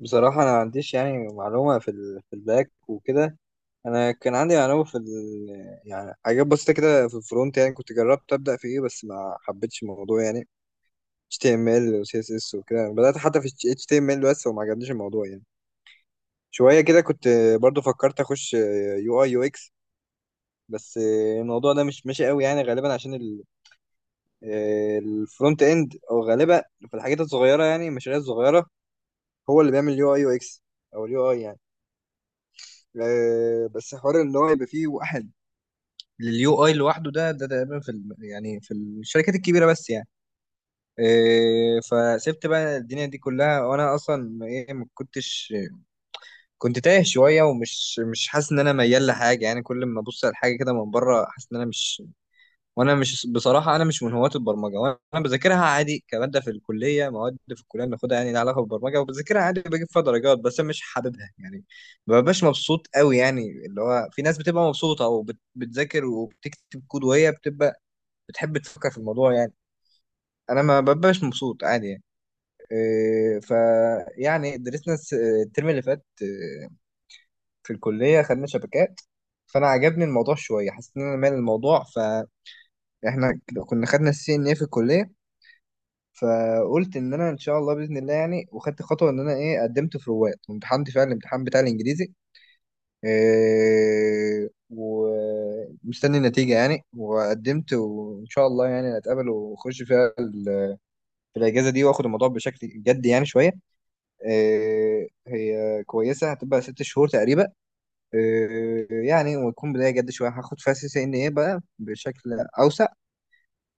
بصراحة أنا ما عنديش يعني معلومة في الباك وكده. أنا كان عندي معلومة. يعني حاجات بسيطة كده في الفرونت، يعني كنت جربت أبدأ في إيه بس ما حبيتش الموضوع يعني HTML و CSS وكده، بدأت حتى في HTML بس وما عجبنيش الموضوع يعني. شوية كده كنت برضو فكرت أخش UI UX، بس الموضوع ده مش ماشي قوي يعني، غالبا عشان الفرونت إند، أو غالبا في الحاجات الصغيرة يعني المشاريع الصغيرة هو اللي بيعمل UI UX، أو ال UI يعني. بس حوار ان هو يبقى فيه واحد لليو اي لوحده، ده تقريبا يعني في الشركات الكبيره بس يعني. فسبت بقى الدنيا دي كلها، وانا اصلا ايه، ما كنتش، كنت تايه شويه ومش مش حاسس ان انا ميال لحاجه يعني. كل ما ابص على حاجه كده من بره حاسس ان انا مش. وانا مش، بصراحه انا مش من هواة البرمجه، وانا بذاكرها عادي كماده في الكليه، مواد في الكليه بناخدها يعني لها علاقه بالبرمجه، وبذاكرها عادي بجيب فيها درجات، بس أنا مش حاببها يعني. ما ببقاش مبسوط قوي يعني. اللي هو في ناس بتبقى مبسوطه وبتذاكر وبتكتب كود، وهي بتبقى بتحب تفكر في الموضوع يعني. انا ما ببقاش مبسوط، عادي يعني. إيه، ف يعني درسنا الترم اللي فات إيه، في الكليه خدنا شبكات. فانا عجبني الموضوع شويه، حسيت ان انا مال الموضوع. فاحنا كنا خدنا السي ان اي في الكليه، فقلت ان انا ان شاء الله باذن الله يعني، وخدت خطوه ان انا ايه، قدمت في رواد وامتحنت فعلا الامتحان بتاع الانجليزي. إيه، ومستني النتيجه يعني، وقدمت وان شاء الله يعني هتقابل واخش فيها في الاجازه دي، واخد الموضوع بشكل جدي يعني شويه. إيه، هي كويسه، هتبقى 6 شهور تقريبا. إيه يعني، وتكون بدايه جد شويه، هاخد فيها سي سي ان ايه بقى بشكل اوسع،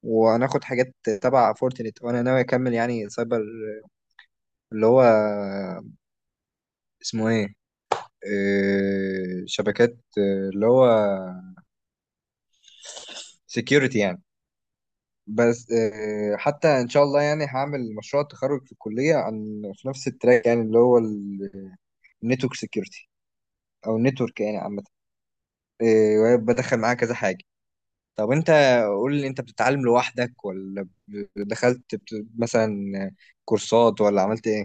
وهناخد حاجات تبع فورتنت. وانا ناوي اكمل يعني سايبر، اللي هو اسمه ايه، شبكات، اللي هو سكيورتي يعني. بس حتى ان شاء الله يعني هعمل مشروع تخرج في الكليه عن في نفس التراك، يعني اللي هو النتورك سكيورتي، او النتورك يعني عامه. بدخل معاه كذا حاجه. طب انت قول لي، انت بتتعلم لوحدك، ولا دخلت مثلا كورسات، ولا عملت ايه؟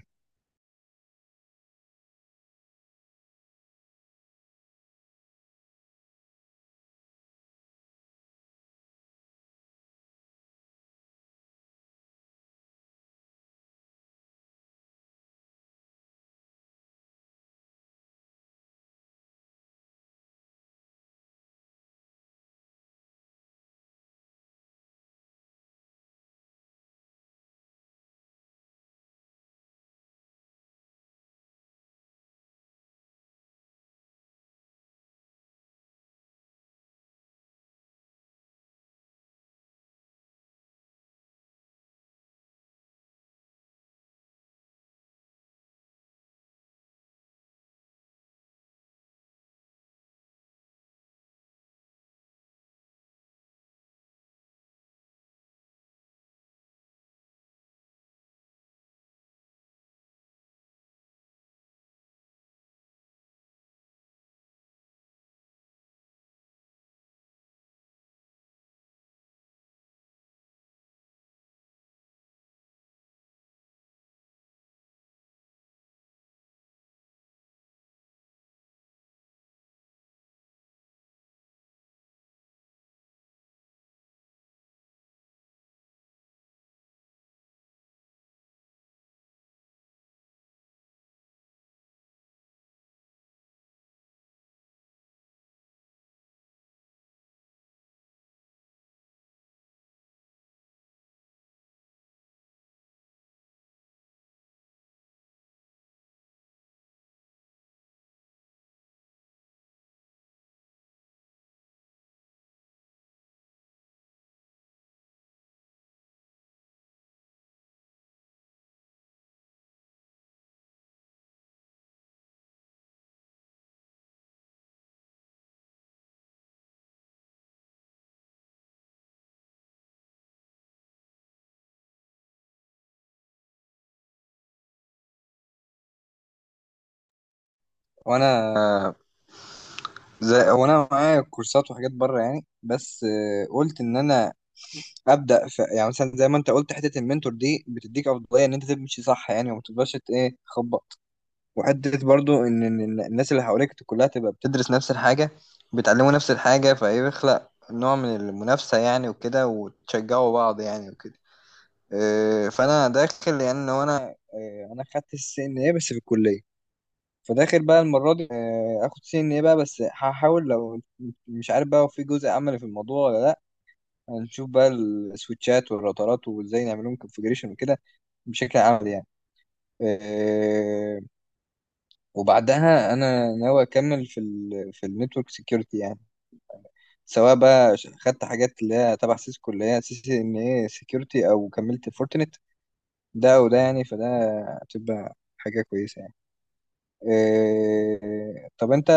وانا زي هو، انا معايا كورسات وحاجات بره يعني، بس قلت ان انا ابدا يعني. مثلا زي ما انت قلت، حته المنتور دي بتديك افضليه ان انت تمشي صح يعني، وما تفضلش ايه، تخبط. وحته برضو ان إن الناس اللي حواليك كلها تبقى بتدرس نفس الحاجه، بيتعلموا نفس الحاجه، فيخلق نوع من المنافسه يعني وكده، وتشجعوا بعض يعني وكده. إيه، فانا داخل، لان هو انا إيه، انا خدت السي ان ايه بس في الكليه، فداخل بقى المره دي إيه، اخد سي ان ايه بقى. بس هحاول لو، مش عارف بقى هو في جزء عملي في الموضوع ولا لا، هنشوف بقى السويتشات والراوترات وازاي نعمل لهم كونفجريشن وكده، بشكل عملي يعني. آه، وبعدها انا ناوي اكمل في في النتورك سكيورتي يعني، سواء بقى خدت حاجات اللي هي تبع سيسكو، اللي هي سي سي ان اي سكيورتي، او كملت فورتنت. ده وده يعني، فده هتبقى حاجة كويسة يعني. طب انت